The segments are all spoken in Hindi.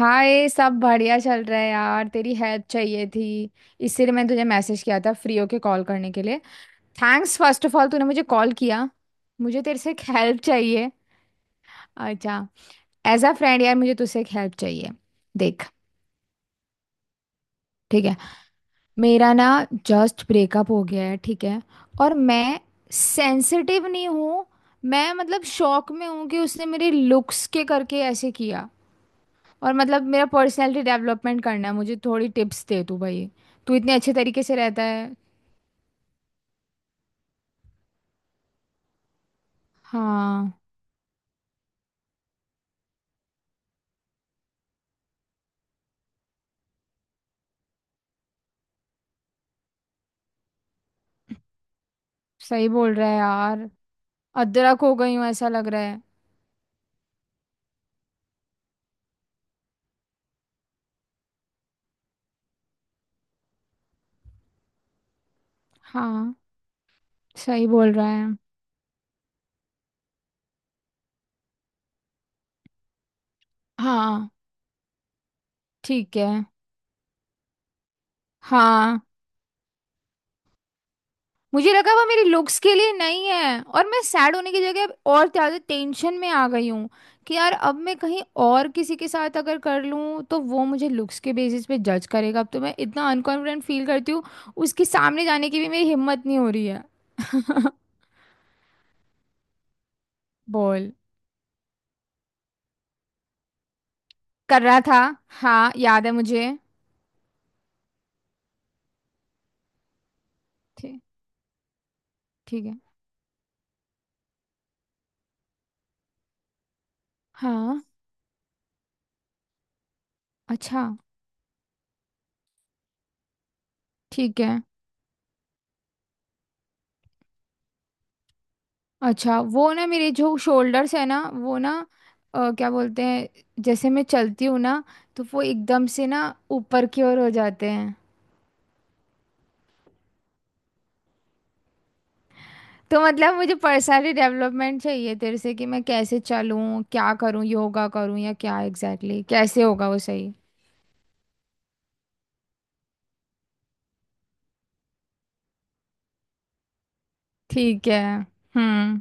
हाय। सब बढ़िया चल रहा है यार। तेरी हेल्प चाहिए थी, इसीलिए मैंने तुझे मैसेज किया था फ्री होके कॉल करने के लिए। थैंक्स फर्स्ट ऑफ ऑल तूने मुझे कॉल किया। मुझे तेरे से एक हेल्प चाहिए। अच्छा, एज अ फ्रेंड यार मुझे तुझसे एक हेल्प चाहिए। देख, ठीक है, मेरा ना जस्ट ब्रेकअप हो गया है। ठीक है और मैं सेंसिटिव नहीं हूँ। मैं मतलब शॉक में हूँ कि उसने मेरे लुक्स के करके ऐसे किया। और मतलब मेरा पर्सनालिटी डेवलपमेंट करना है, मुझे थोड़ी टिप्स दे तू भाई। तू इतने अच्छे तरीके से रहता है। हाँ। सही बोल रहा है यार, अदरक हो गई हूँ ऐसा लग रहा है। हाँ, सही बोल रहा है। हाँ, ठीक है। हाँ। मुझे लगा वो मेरी लुक्स के लिए नहीं है, और मैं सैड होने की जगह अब और ज्यादा टेंशन में आ गई हूँ कि यार अब मैं कहीं और किसी के साथ अगर कर लूँ तो वो मुझे लुक्स के बेसिस पे जज करेगा। अब तो मैं इतना अनकॉन्फिडेंट फील करती हूँ, उसके सामने जाने की भी मेरी हिम्मत नहीं हो रही है। बोल। कर रहा था। हाँ याद है मुझे। ठीक, ठीक है। हाँ, अच्छा। ठीक है। अच्छा वो ना, मेरे जो शोल्डर्स है ना वो ना क्या बोलते हैं, जैसे मैं चलती हूँ ना तो वो एकदम से ना ऊपर की ओर हो जाते हैं। तो मतलब मुझे पर्सनाली डेवलपमेंट चाहिए तेरे से, कि मैं कैसे चलूँ, क्या करूँ, योगा करूँ या क्या एग्जैक्टली कैसे होगा वो सही। ठीक है। हम्म।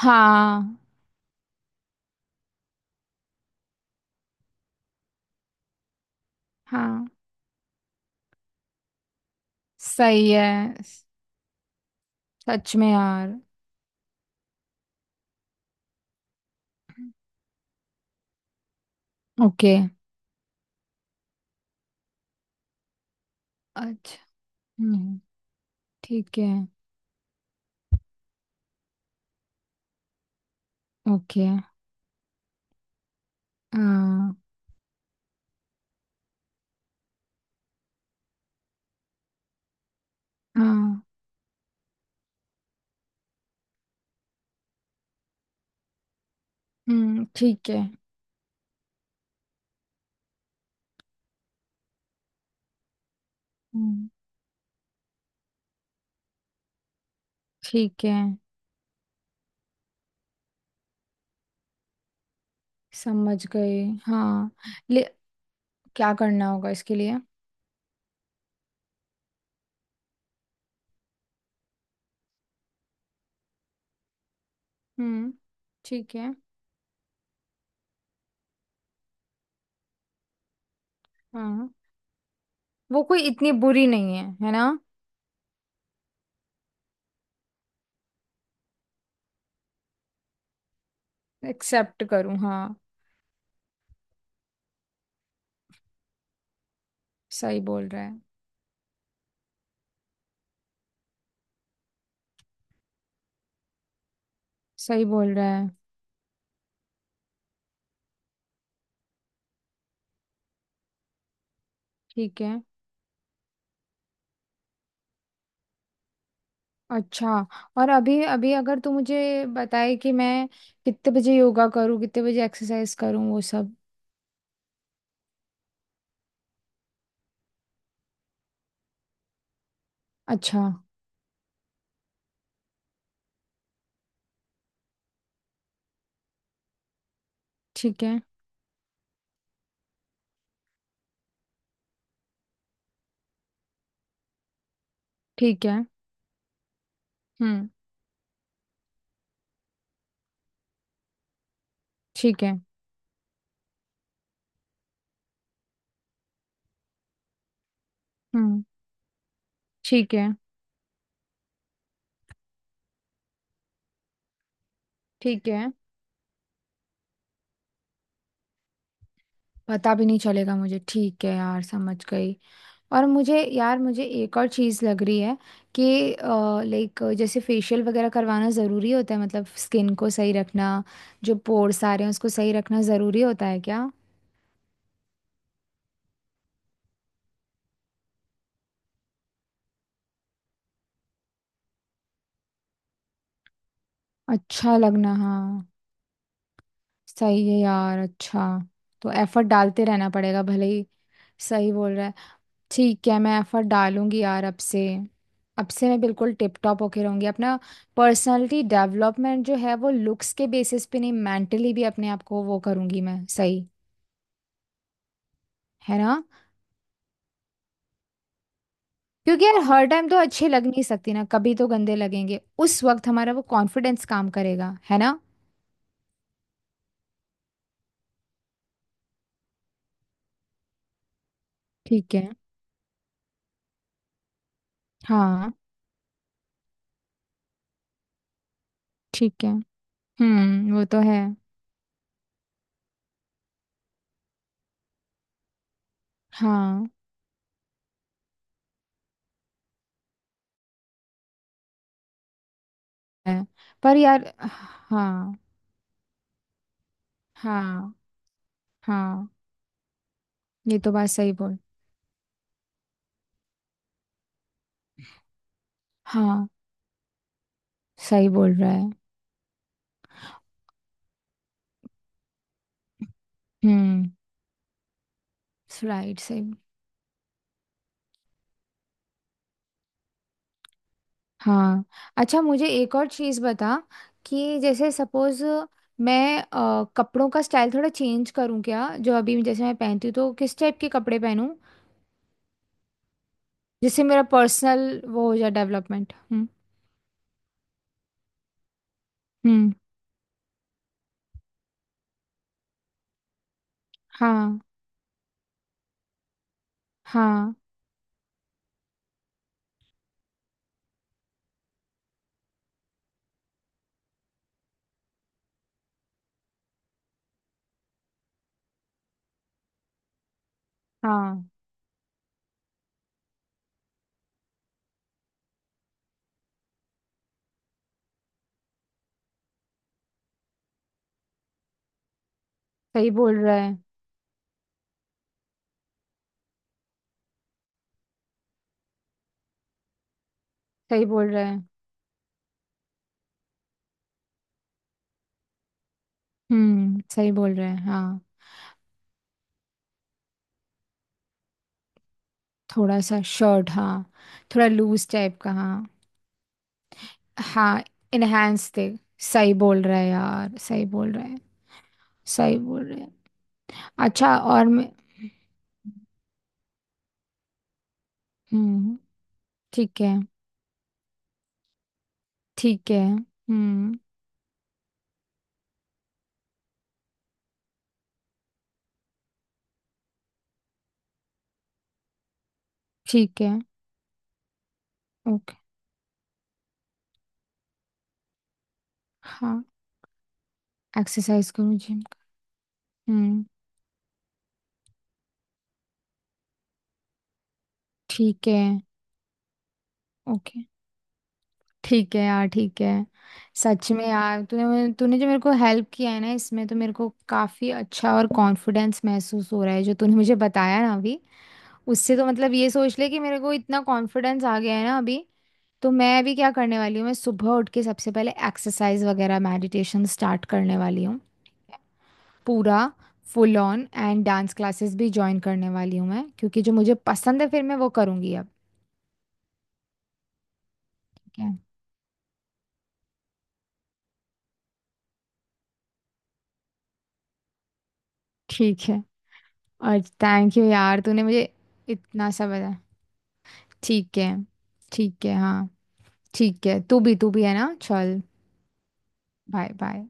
हाँ। हाँ, सही है। सच में यार। ओके। अच्छा। हम्म, ठीक है। ओके। हाँ। हाँ। ठीक है। हम्म, ठीक है। समझ गए हाँ। ले, क्या करना होगा इसके लिए। हम्म, ठीक है। हाँ। वो कोई इतनी बुरी नहीं है, है ना। एक्सेप्ट करूँ हाँ। सही बोल रहा है। सही बोल रहा है। ठीक है। अच्छा, और अभी अभी अगर तू मुझे बताए कि मैं कितने बजे योगा करूँ, कितने बजे एक्सरसाइज करूँ, वो सब। अच्छा। ठीक है। ठीक है। हम्म। ठीक है। हम्म। ठीक है। ठीक है। पता भी नहीं चलेगा मुझे। ठीक है यार, समझ गई। और मुझे यार, मुझे एक और चीज़ लग रही है कि लाइक, जैसे फेशियल वगैरह करवाना ज़रूरी होता है, मतलब स्किन को सही रखना, जो पोर्स आ रहे हैं उसको सही रखना ज़रूरी होता है क्या। अच्छा लगना हाँ। सही है यार। अच्छा, तो एफर्ट डालते रहना पड़ेगा भले ही। सही बोल रहा है। ठीक है, मैं एफर्ट डालूंगी यार अब से। अब से मैं बिल्कुल टिप टॉप होके रहूंगी। अपना पर्सनालिटी डेवलपमेंट जो है वो लुक्स के बेसिस पे नहीं, मेंटली भी अपने आप को वो करूंगी मैं। सही है ना। क्योंकि यार हर टाइम तो अच्छे लग नहीं सकती ना, कभी तो गंदे लगेंगे। उस वक्त हमारा वो कॉन्फिडेंस काम करेगा, है ना। ठीक है। हाँ। ठीक है। हम्म, वो तो है। हाँ है। पर यार, हाँ। हाँ। हाँ। ये तो बात सही बोल। हाँ सही बोल रहा है। हम्म। राइट, सही। हाँ। अच्छा, मुझे एक और चीज़ बता कि जैसे सपोज मैं कपड़ों का स्टाइल थोड़ा चेंज करूँ क्या, जो अभी जैसे मैं पहनती हूँ, तो किस टाइप के कपड़े पहनूं जिससे मेरा पर्सनल वो हो जाए, डेवलपमेंट। हम्म। हम्म। हाँ। हाँ। हाँ सही बोल रहा है। सही बोल रहा है। सही बोल रहा है। हाँ, थोड़ा सा शर्ट हाँ। थोड़ा लूज टाइप का हाँ। हाँ, इनहेंस दे। सही बोल रहा है यार, सही बोल रहा है। सही बोल रहे हैं। अच्छा और मैं। हम्म। ठीक है। ठीक है। हम्म। ठीक है। ओके। हाँ, एक्सरसाइज करूँ जिम। हम्म। ठीक है। ओके। ठीक है यार, ठीक है। सच में यार तूने मुझे- तूने जो मेरे को हेल्प किया है ना इसमें, तो मेरे को काफ़ी अच्छा और कॉन्फिडेंस महसूस हो रहा है जो तूने मुझे बताया ना अभी। उससे तो मतलब ये सोच ले कि मेरे को इतना कॉन्फिडेंस आ गया है ना अभी। तो मैं अभी क्या करने वाली हूँ, मैं सुबह उठ के सबसे पहले एक्सरसाइज वगैरह, मेडिटेशन स्टार्ट करने वाली हूँ। पूरा full on and dance classes भी ज्वाइन करने वाली हूँ मैं, क्योंकि जो मुझे पसंद है फिर मैं वो करूँगी अब। ठीक है। ठीक है। और थैंक यू यार, तूने मुझे इतना सब बताया। ठीक है। ठीक है हाँ। ठीक है, तू भी, तू भी, है ना चल। Bye bye.